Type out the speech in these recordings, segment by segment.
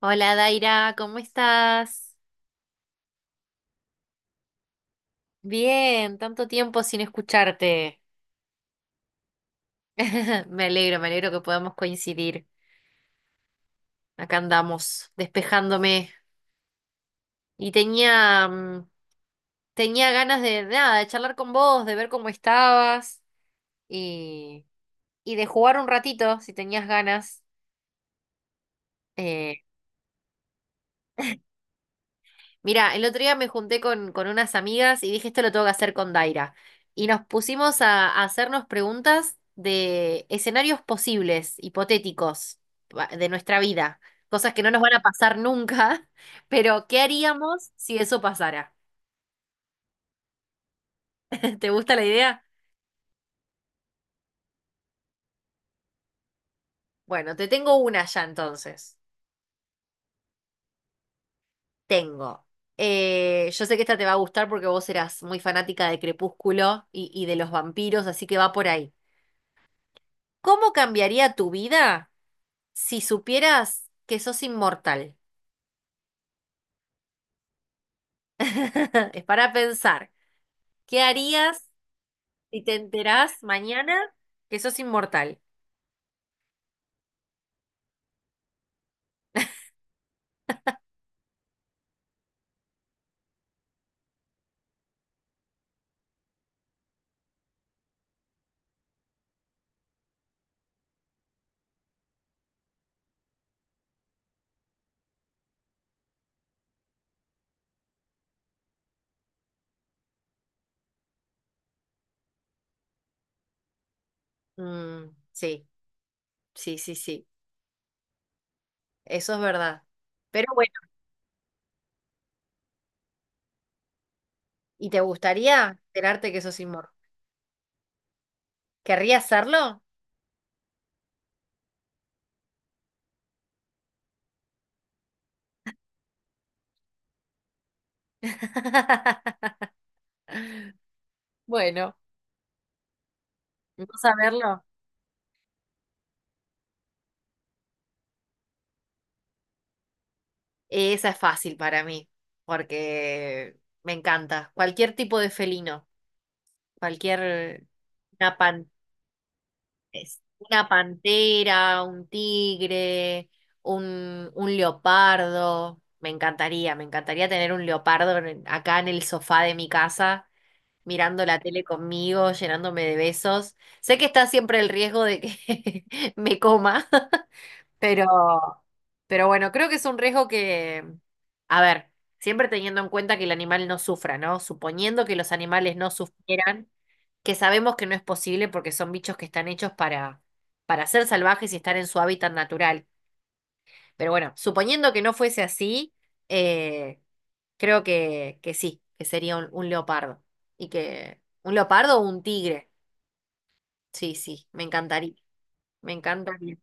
Hola Daira, ¿cómo estás? Bien, tanto tiempo sin escucharte. Me alegro que podamos coincidir. Acá andamos, despejándome. Y tenía, tenía ganas de nada, de charlar con vos, de ver cómo estabas y, y de jugar un ratito, si tenías ganas. eh, Mira, el otro día me junté con unas amigas y dije, esto lo tengo que hacer con Daira. Y nos pusimos a hacernos preguntas de escenarios posibles, hipotéticos, de nuestra vida. Cosas que no nos van a pasar nunca, pero ¿qué haríamos si eso pasara? ¿Te gusta la idea? Bueno, te tengo una ya entonces. Tengo. Yo sé que esta te va a gustar porque vos eras muy fanática de Crepúsculo y de los vampiros, así que va por ahí. ¿Cómo cambiaría tu vida? Si supieras que sos inmortal, es para pensar, ¿qué harías si te enterás mañana que sos inmortal? Mm, sí, sí, sí, sí, eso es verdad. Pero bueno, ¿y te gustaría enterarte que sos inmortal? ¿Querrías hacerlo? Bueno, no saberlo. Esa es fácil para mí, porque me encanta. Cualquier tipo de felino, cualquier... Una es una pantera, un tigre, un leopardo. Me encantaría tener un leopardo acá en el sofá de mi casa, mirando la tele conmigo, llenándome de besos. Sé que está siempre el riesgo de que me coma, Pero, pero bueno, creo que es un riesgo que, a ver, siempre teniendo en cuenta que el animal no sufra, ¿no? Suponiendo que los animales no sufrieran, que sabemos que no es posible porque son bichos que están hechos para ser salvajes y estar en su hábitat natural. Pero bueno, suponiendo que no fuese así, eh, creo que sí, que sería un leopardo. Y que, ¿un leopardo o un tigre? Sí, sí, me encantaría. Me encantaría.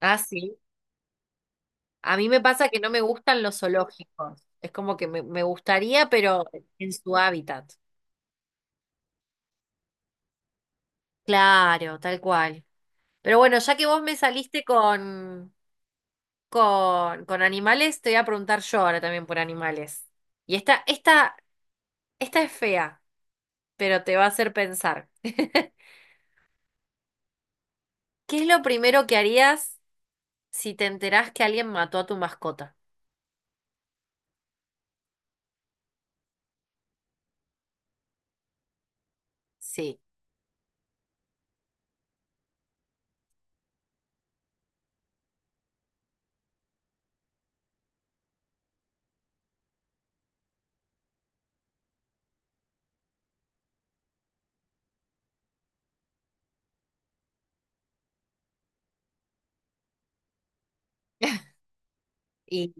Ah, sí. A mí me pasa que no me gustan los zoológicos. Es como que me gustaría, pero en su hábitat. Claro, tal cual. Pero bueno, ya que vos me saliste con, con animales, te voy a preguntar yo ahora también por animales. Y esta es fea, pero te va a hacer pensar. ¿Qué es lo primero que harías si te enterás que alguien mató a tu mascota? Sí. Y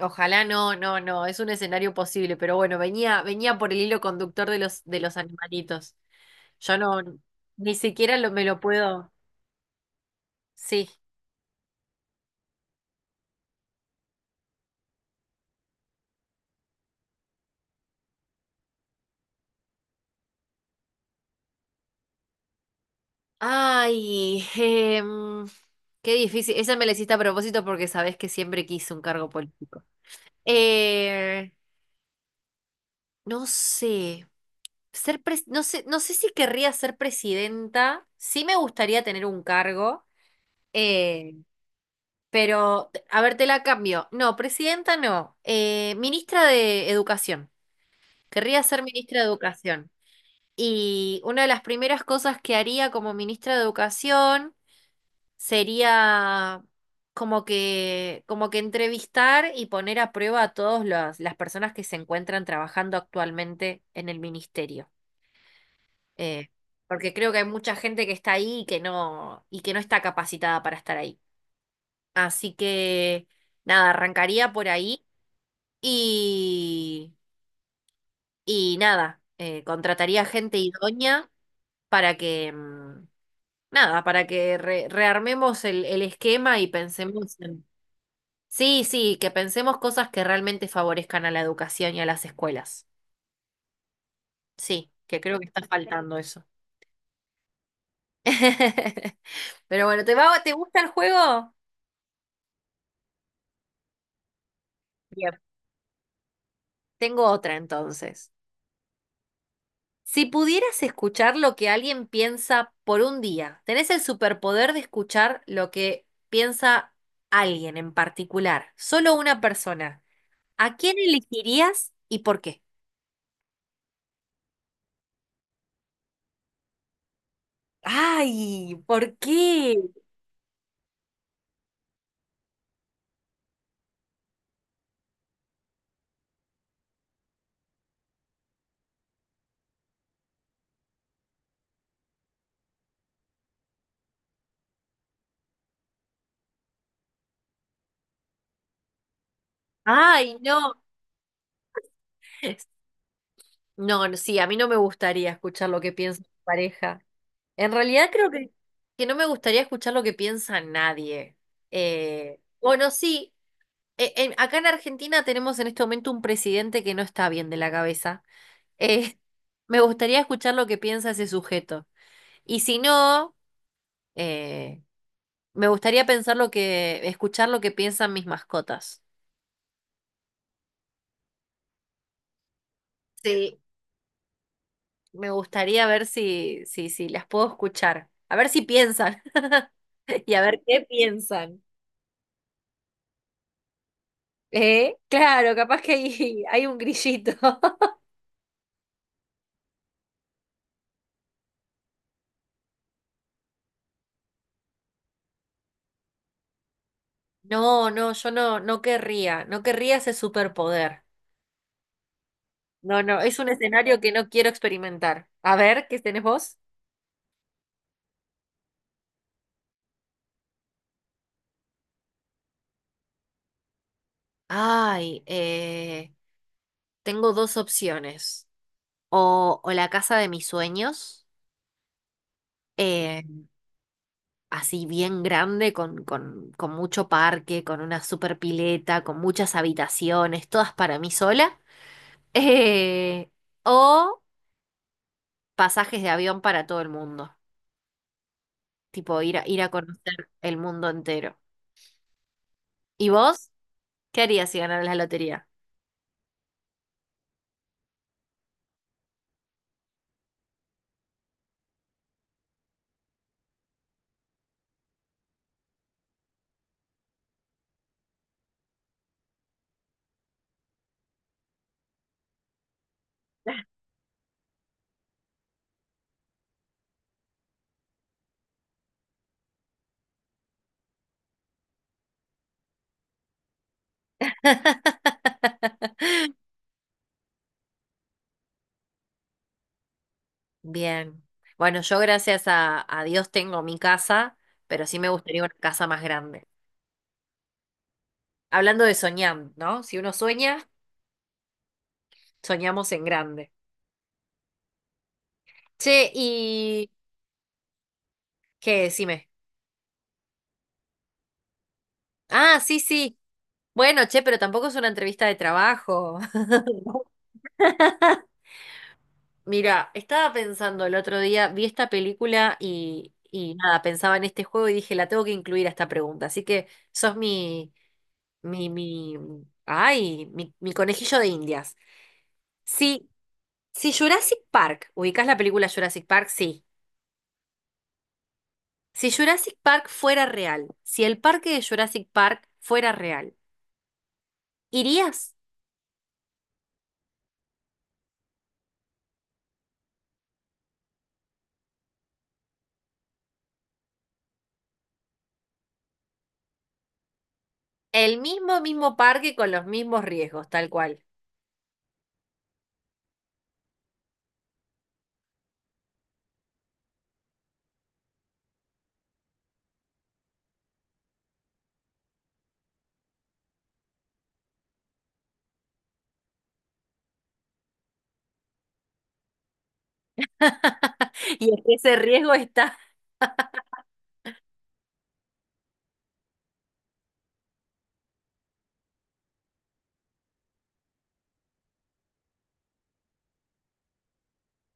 ojalá no, no, no, es un escenario posible, pero bueno, venía, venía por el hilo conductor de los animalitos. Yo no, ni siquiera lo, me lo puedo. Sí. Ay, qué difícil. Esa me la hiciste a propósito porque sabés que siempre quise un cargo político. Eh, no sé. No sé, no sé si querría ser presidenta. Sí me gustaría tener un cargo. eh, Pero, a ver, te la cambio. No, presidenta no. Ministra de Educación. Querría ser ministra de Educación. Y una de las primeras cosas que haría como ministra de Educación sería como que entrevistar y poner a prueba a todas las personas que se encuentran trabajando actualmente en el ministerio. Eh, Porque creo que hay mucha gente que está ahí y que no está capacitada para estar ahí. Así que, nada, arrancaría por ahí. Y, y nada, contrataría gente idónea para que, nada, para que rearmemos el esquema y pensemos en... Sí, sí, que pensemos cosas que realmente favorezcan a la educación y a las escuelas. Sí, que creo que está faltando eso. Pero bueno, ¿te va, te gusta el juego? Bien. Tengo otra entonces. Si pudieras escuchar lo que alguien piensa por un día, tenés el superpoder de escuchar lo que piensa alguien en particular, solo una persona. ¿A quién elegirías y por qué? Ay, ¿por qué? Ay, no. No, no, sí, a mí no me gustaría escuchar lo que piensa mi pareja. En realidad creo que no me gustaría escuchar lo que piensa nadie. Bueno, sí. Acá en Argentina tenemos en este momento un presidente que no está bien de la cabeza. Eh, me gustaría escuchar lo que piensa ese sujeto. Y si no, eh, me gustaría pensar lo que, escuchar lo que piensan mis mascotas. Sí, me gustaría ver si, si, si las puedo escuchar. A ver si piensan. Y a ver qué piensan. ¿Eh? Claro, capaz que hay, hay un grillito. No, no, yo no, no querría, no querría ese superpoder. No, no, es un escenario que no quiero experimentar. A ver, ¿qué tenés vos? Ay, tengo dos opciones. O la casa de mis sueños, eh, así bien grande, con mucho parque, con una super pileta, con muchas habitaciones, todas para mí sola. Eh, o pasajes de avión para todo el mundo, tipo ir a, ir a conocer el mundo entero. ¿Y vos? ¿Qué harías si ganaras la lotería? Bien. Bueno, yo gracias a Dios tengo mi casa, pero sí me gustaría una casa más grande. Hablando de soñar, ¿no? Si uno sueña, soñamos en grande. Che, y... ¿Qué? Decime. Ah, sí, sí. Bueno, che, pero tampoco es una entrevista de trabajo. Mira, estaba pensando el otro día, vi esta película y nada, pensaba en este juego y dije, la tengo que incluir a esta pregunta. Así que sos mi, mi, mi, ay, mi conejillo de Indias. Si Si Jurassic Park, ubicás la película Jurassic Park, sí. Si Jurassic Park fuera real, si el parque de Jurassic Park fuera real, ¿irías? El mismo, mismo parque con los mismos riesgos, tal cual. Y es que ese riesgo está.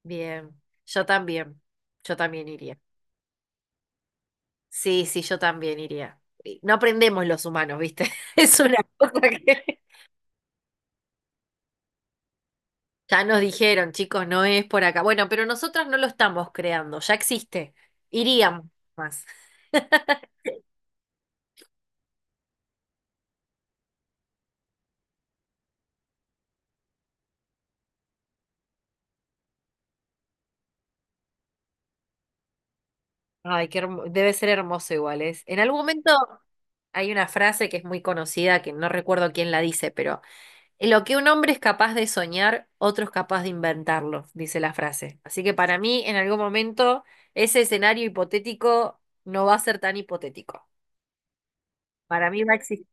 Bien, yo también, yo también iría. Sí, sí, yo también iría. No aprendemos los humanos, ¿viste? Es una cosa que... Ya nos dijeron, chicos, no es por acá. Bueno, pero nosotras no lo estamos creando, ya existe. Iríamos más. Ay, debe ser hermoso igual, es. En algún momento hay una frase que es muy conocida, que no recuerdo quién la dice, pero lo que un hombre es capaz de soñar, otro es capaz de inventarlo, dice la frase. Así que para mí, en algún momento, ese escenario hipotético no va a ser tan hipotético. Para mí va a existir.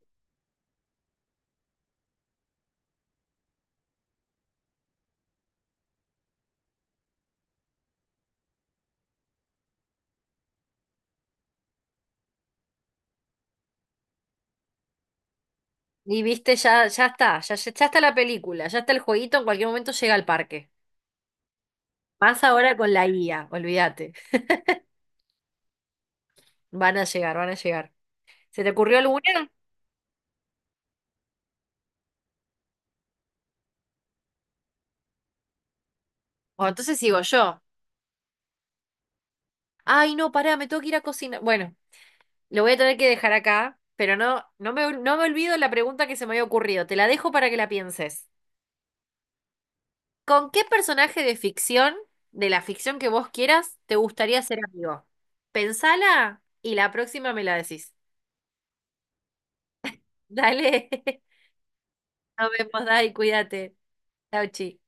Y viste, ya, ya está, ya, ya está la película, ya está el jueguito, en cualquier momento llega al parque. Más ahora con la IA, olvídate. Van a llegar, van a llegar. ¿Se te ocurrió alguna? O entonces sigo yo. Ay, no, pará, me tengo que ir a cocinar. Bueno, lo voy a tener que dejar acá, pero no, no me, no me olvido la pregunta que se me había ocurrido. Te la dejo para que la pienses. ¿Con qué personaje de ficción, de la ficción que vos quieras, te gustaría ser amigo? Pensala y la próxima me la decís. Dale, nos vemos, Dai, cuídate. Chau, chi.